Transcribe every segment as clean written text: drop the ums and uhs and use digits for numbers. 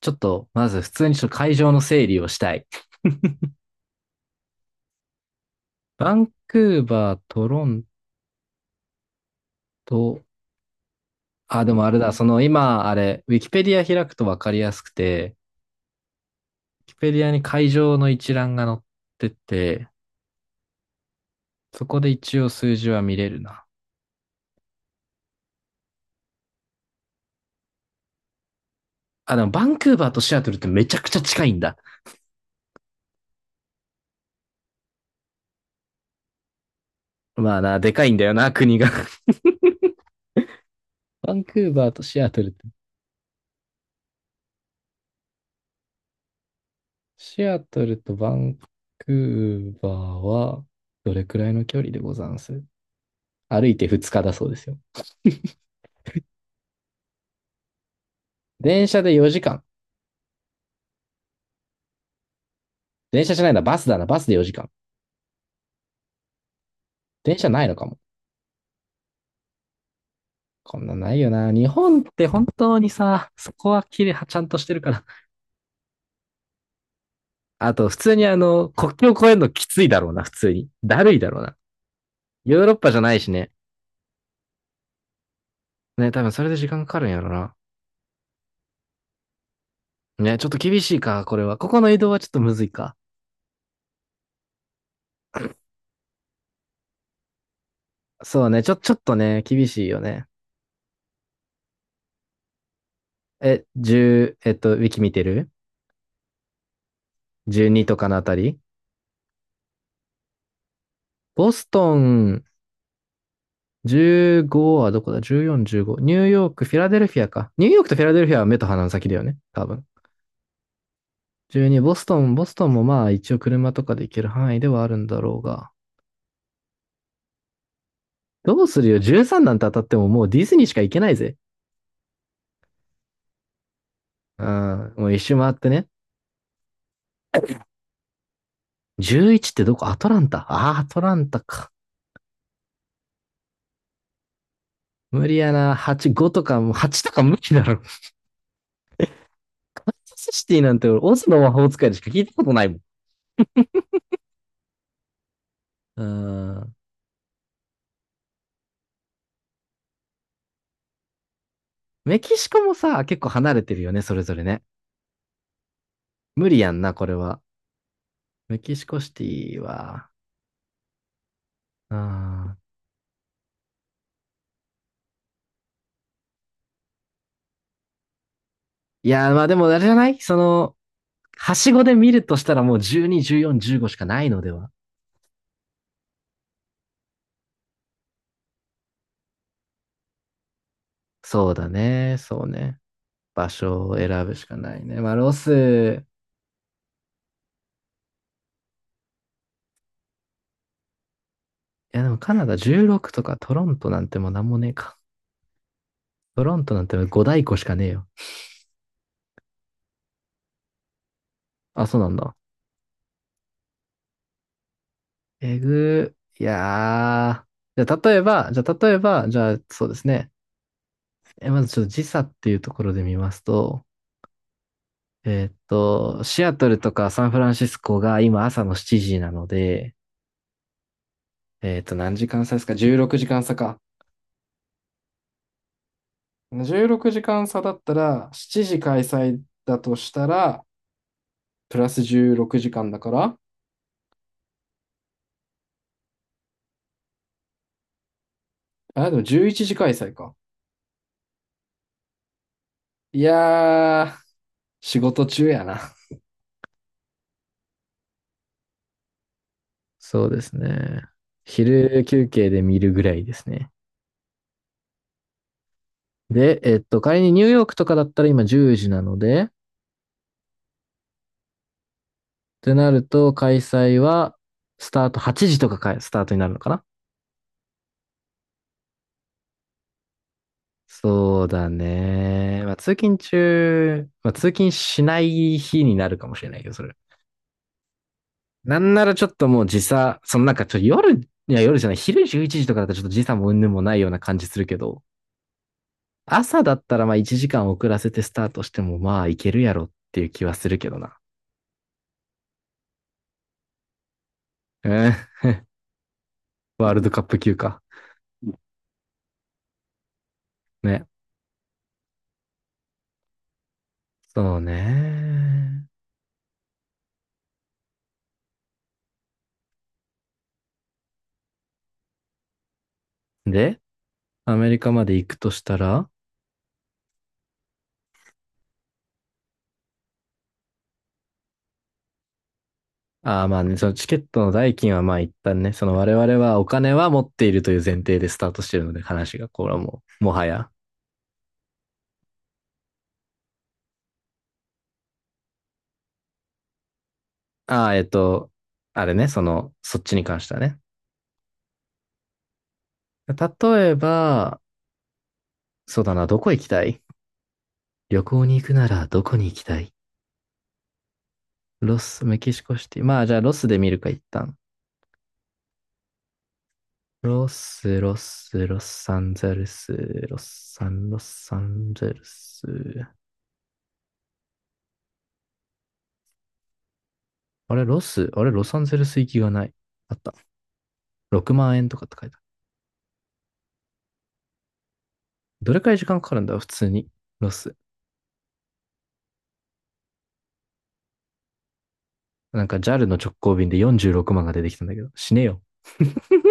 ちょっと、まず普通にちょっと会場の整理をしたい。バンクーバー、トロント、あ、でもあれだ、その今、あれ、ウィキペディア開くとわかりやすくて、ウィキペディアに会場の一覧が載ってて、そこで一応数字は見れるな。あ、でもバンクーバーとシアトルってめちゃくちゃ近いんだ。まあな、でかいんだよな、国が。バンクーバーとシアトルって。シアトルとバンクーバーは、どれくらいの距離でござんす？歩いて2日だそうですよ。電車で4時間。電車じゃないな、バスだな、バスで4時間。電車ないのかも。こんなんないよな。日本って本当にさ、そこは綺麗はちゃんとしてるから。あと、普通に国境越えるのきついだろうな、普通に。だるいだろうな。ヨーロッパじゃないしね。ね、多分それで時間かかるんやろな。ね、ちょっと厳しいか、これは。ここの移動はちょっとむずいか。そうね、ちょっとね、厳しいよね。10、ウィキ見てる？ 12 とかのあたりボストン、15はどこだ？ 14、15。ニューヨーク、フィラデルフィアか。ニューヨークとフィラデルフィアは目と鼻の先だよね。多分。12、ボストン、ボストンもまあ一応車とかで行ける範囲ではあるんだろうが。どうするよ？ 13 なんて当たってももうディズニーしか行けないぜ。うん。もう一周回ってね。11ってどこ？アトランタ。ああ、アトランタか。無理やな。8、5とか、もう8とか無理だろ。カンザスシティなんて俺、オズの魔法使いでしか聞いたことないもん。うん。メキシコもさ、結構離れてるよね、それぞれね。無理やんな、これは。メキシコシティは、うん。いやー、まあでもあれじゃない？はしごで見るとしたらもう12、14、15しかないのでは？そうだね。そうね。場所を選ぶしかないね。まあロス、いやでもカナダ16とかトロントなんてもうなんもねえか。トロントなんて5大湖しかねえよ。あ、そうなんだ。えぐー。いやー。じゃあ例えば、じゃあそうですね。まずちょっと時差っていうところで見ますと、シアトルとかサンフランシスコが今朝の7時なので、何時間差ですか？ 16 時間差か。16時間差だったら、7時開催だとしたら、プラス16時間だから、あ、でも11時開催か。いやー、仕事中やな。そうですね。昼休憩で見るぐらいですね。で、仮にニューヨークとかだったら今10時なので、ってなると、開催は、スタート8時とかか、スタートになるのかな？そうだね。まあ、通勤中、まあ、通勤しない日になるかもしれないけど、それ。なんならちょっともう時差、なんかちょっと夜、いや夜じゃない、昼11時とかだとちょっと時差も云々もないような感じするけど、朝だったらまあ1時間遅らせてスタートしてもまあいけるやろっていう気はするけどな。えー、ワールドカップ級か。ね。そうね。で、アメリカまで行くとしたら、ああ、まあね、そのチケットの代金はまあ一旦ね、その我々はお金は持っているという前提でスタートしてるので、話が、これはもう、もはや。ああ、あれね、そっちに関してはね。例えば、そうだな、どこ行きたい？旅行に行くならどこに行きたい？ロス、メキシコシティ。まあじゃあロスで見るか、一旦。ロス、ロサンゼルス、ロサンゼルス。あれ、ロス、ロサンゼルス行きがない。あった。6万円とかって書いて、どれくらい時間かかるんだろう普通に。ロス。なんか JAL の直行便で46万が出てきたんだけど、死ねよ。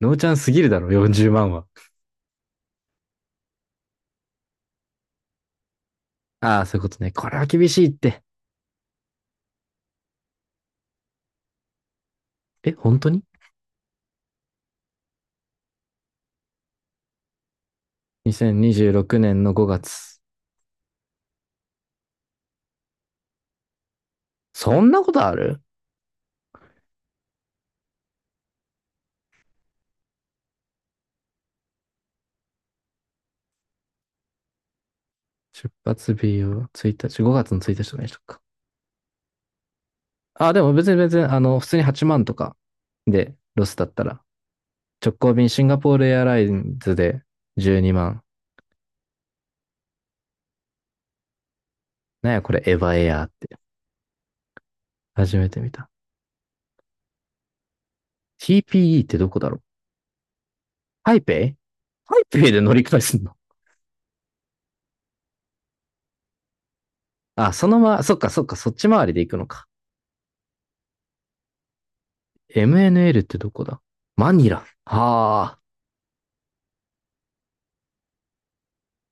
ノーちゃんすぎるだろ、40万は。ああ、そういうことね。これは厳しいって。え、本当に？ 2026 年の5月。そんなことある？出発日を1日、5月の1日とかにしとくか。ああ、でも別に、普通に8万とかでロスだったら、直行便シンガポールエアラインズで12万。なんやこれ、エヴァエアーって。初めて見た。TPE ってどこだろう？台北。ハイペイで乗り換えすんの？あ、そっかそっか、そっち回りで行くのか。MNL ってどこだ？マニラ。は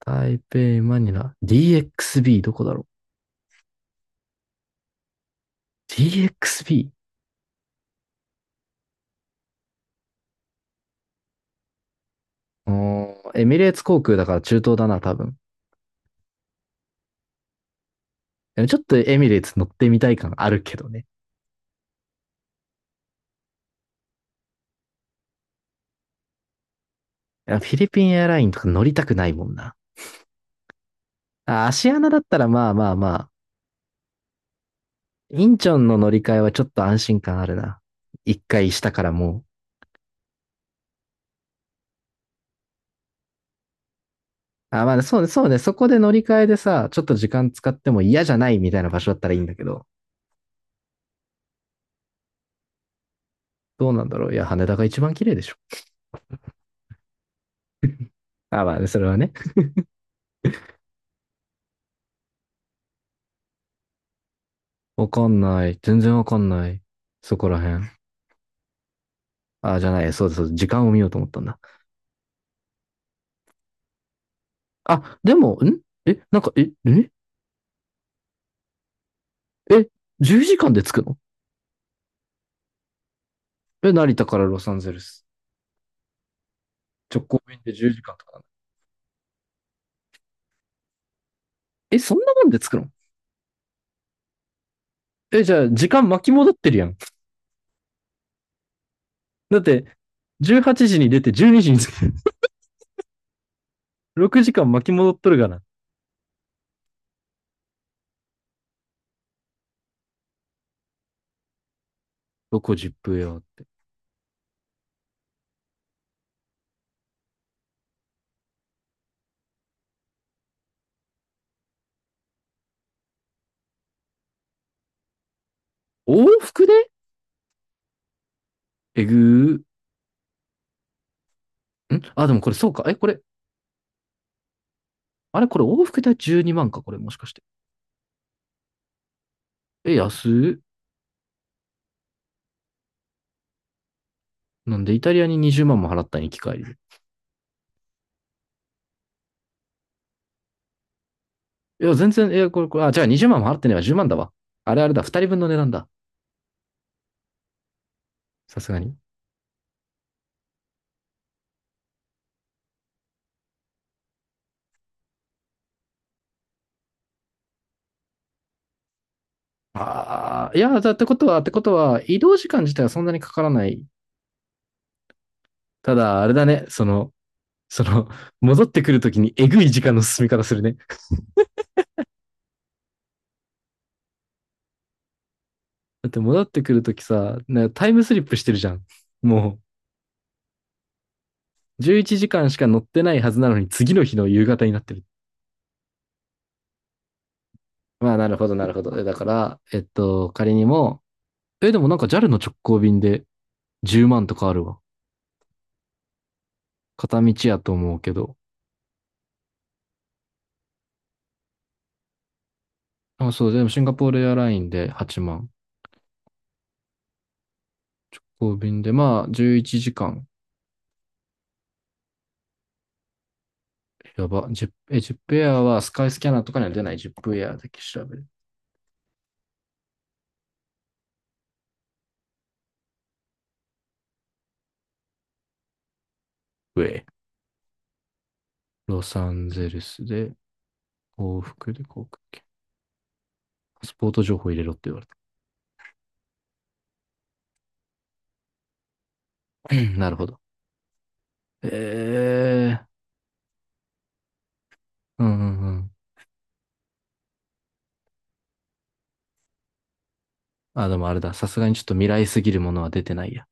あ、台北、マニラ。DXB どこだろう？ DXB？ うーエックスビーエミレーツ航空だから中東だな、多分。ちょっとエミレーツ乗ってみたい感あるけどね。フィリピンエアラインとか乗りたくないもんな。あ、アシアナだったらまあまあまあ、インチョンの乗り換えはちょっと安心感あるな。一回したからもう。あ、まあね、そうね、そうね。そこで乗り換えでさ、ちょっと時間使っても嫌じゃないみたいな場所だったらいいんだけど、どうなんだろう。いや、羽田が一番綺麗でしょ。あ、まあね、それはね。わかんない。全然わかんない。そこら辺。あ、じゃない。そうですそうです、時間を見ようと思ったんだ。あ、でも、なんか、え、10時間で着くの？え、成田からロサンゼルス。直行便で10時間とかなの？え、そんなもんで着くの？じゃあ、時間巻き戻ってるやん。だって、18時に出て12時に着く。6時間巻き戻っとるがな。どこジップよ。往復でえぐー。あ、でもこれそうか。これ、あれこれ往復で12万か、これもしかして。え、安い？なんでイタリアに20万も払ったん、行き帰りで。いや、全然、これ、あ、じゃあ20万も払ってねえわ、10万だわ。あれあれだ、2人分の値段だ。さすがに。ああ、いや、だってことは、ってことは、移動時間自体はそんなにかからない。ただ、あれだね、その、戻ってくるときにえぐい時間の進み方するね。だって戻ってくるときさ、タイムスリップしてるじゃん。も11時間しか乗ってないはずなのに、次の日の夕方になってる。まあ、なるほど、なるほど。だから、仮にも、え、でもなんか JAL の直行便で10万とかあるわ。片道やと思うけど。あ、そう、でもシンガポールエアラインで8万。直行便で、まあ、11時間。やば。ジップエアはスカイスキャナーとかには出ない。ジップエアだけ調べる。ウェイ。ロサンゼルスで、往復で航空券。パスポート情報入れろって言われた。なるほど。ええ、うんうんうん。あ、でもあれだ。さすがにちょっと未来すぎるものは出てないや。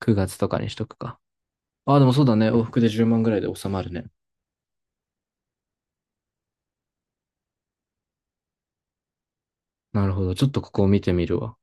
9月とかにしとくか。あ、でもそうだね。往復で10万ぐらいで収まるね。なるほど。ちょっとここを見てみるわ。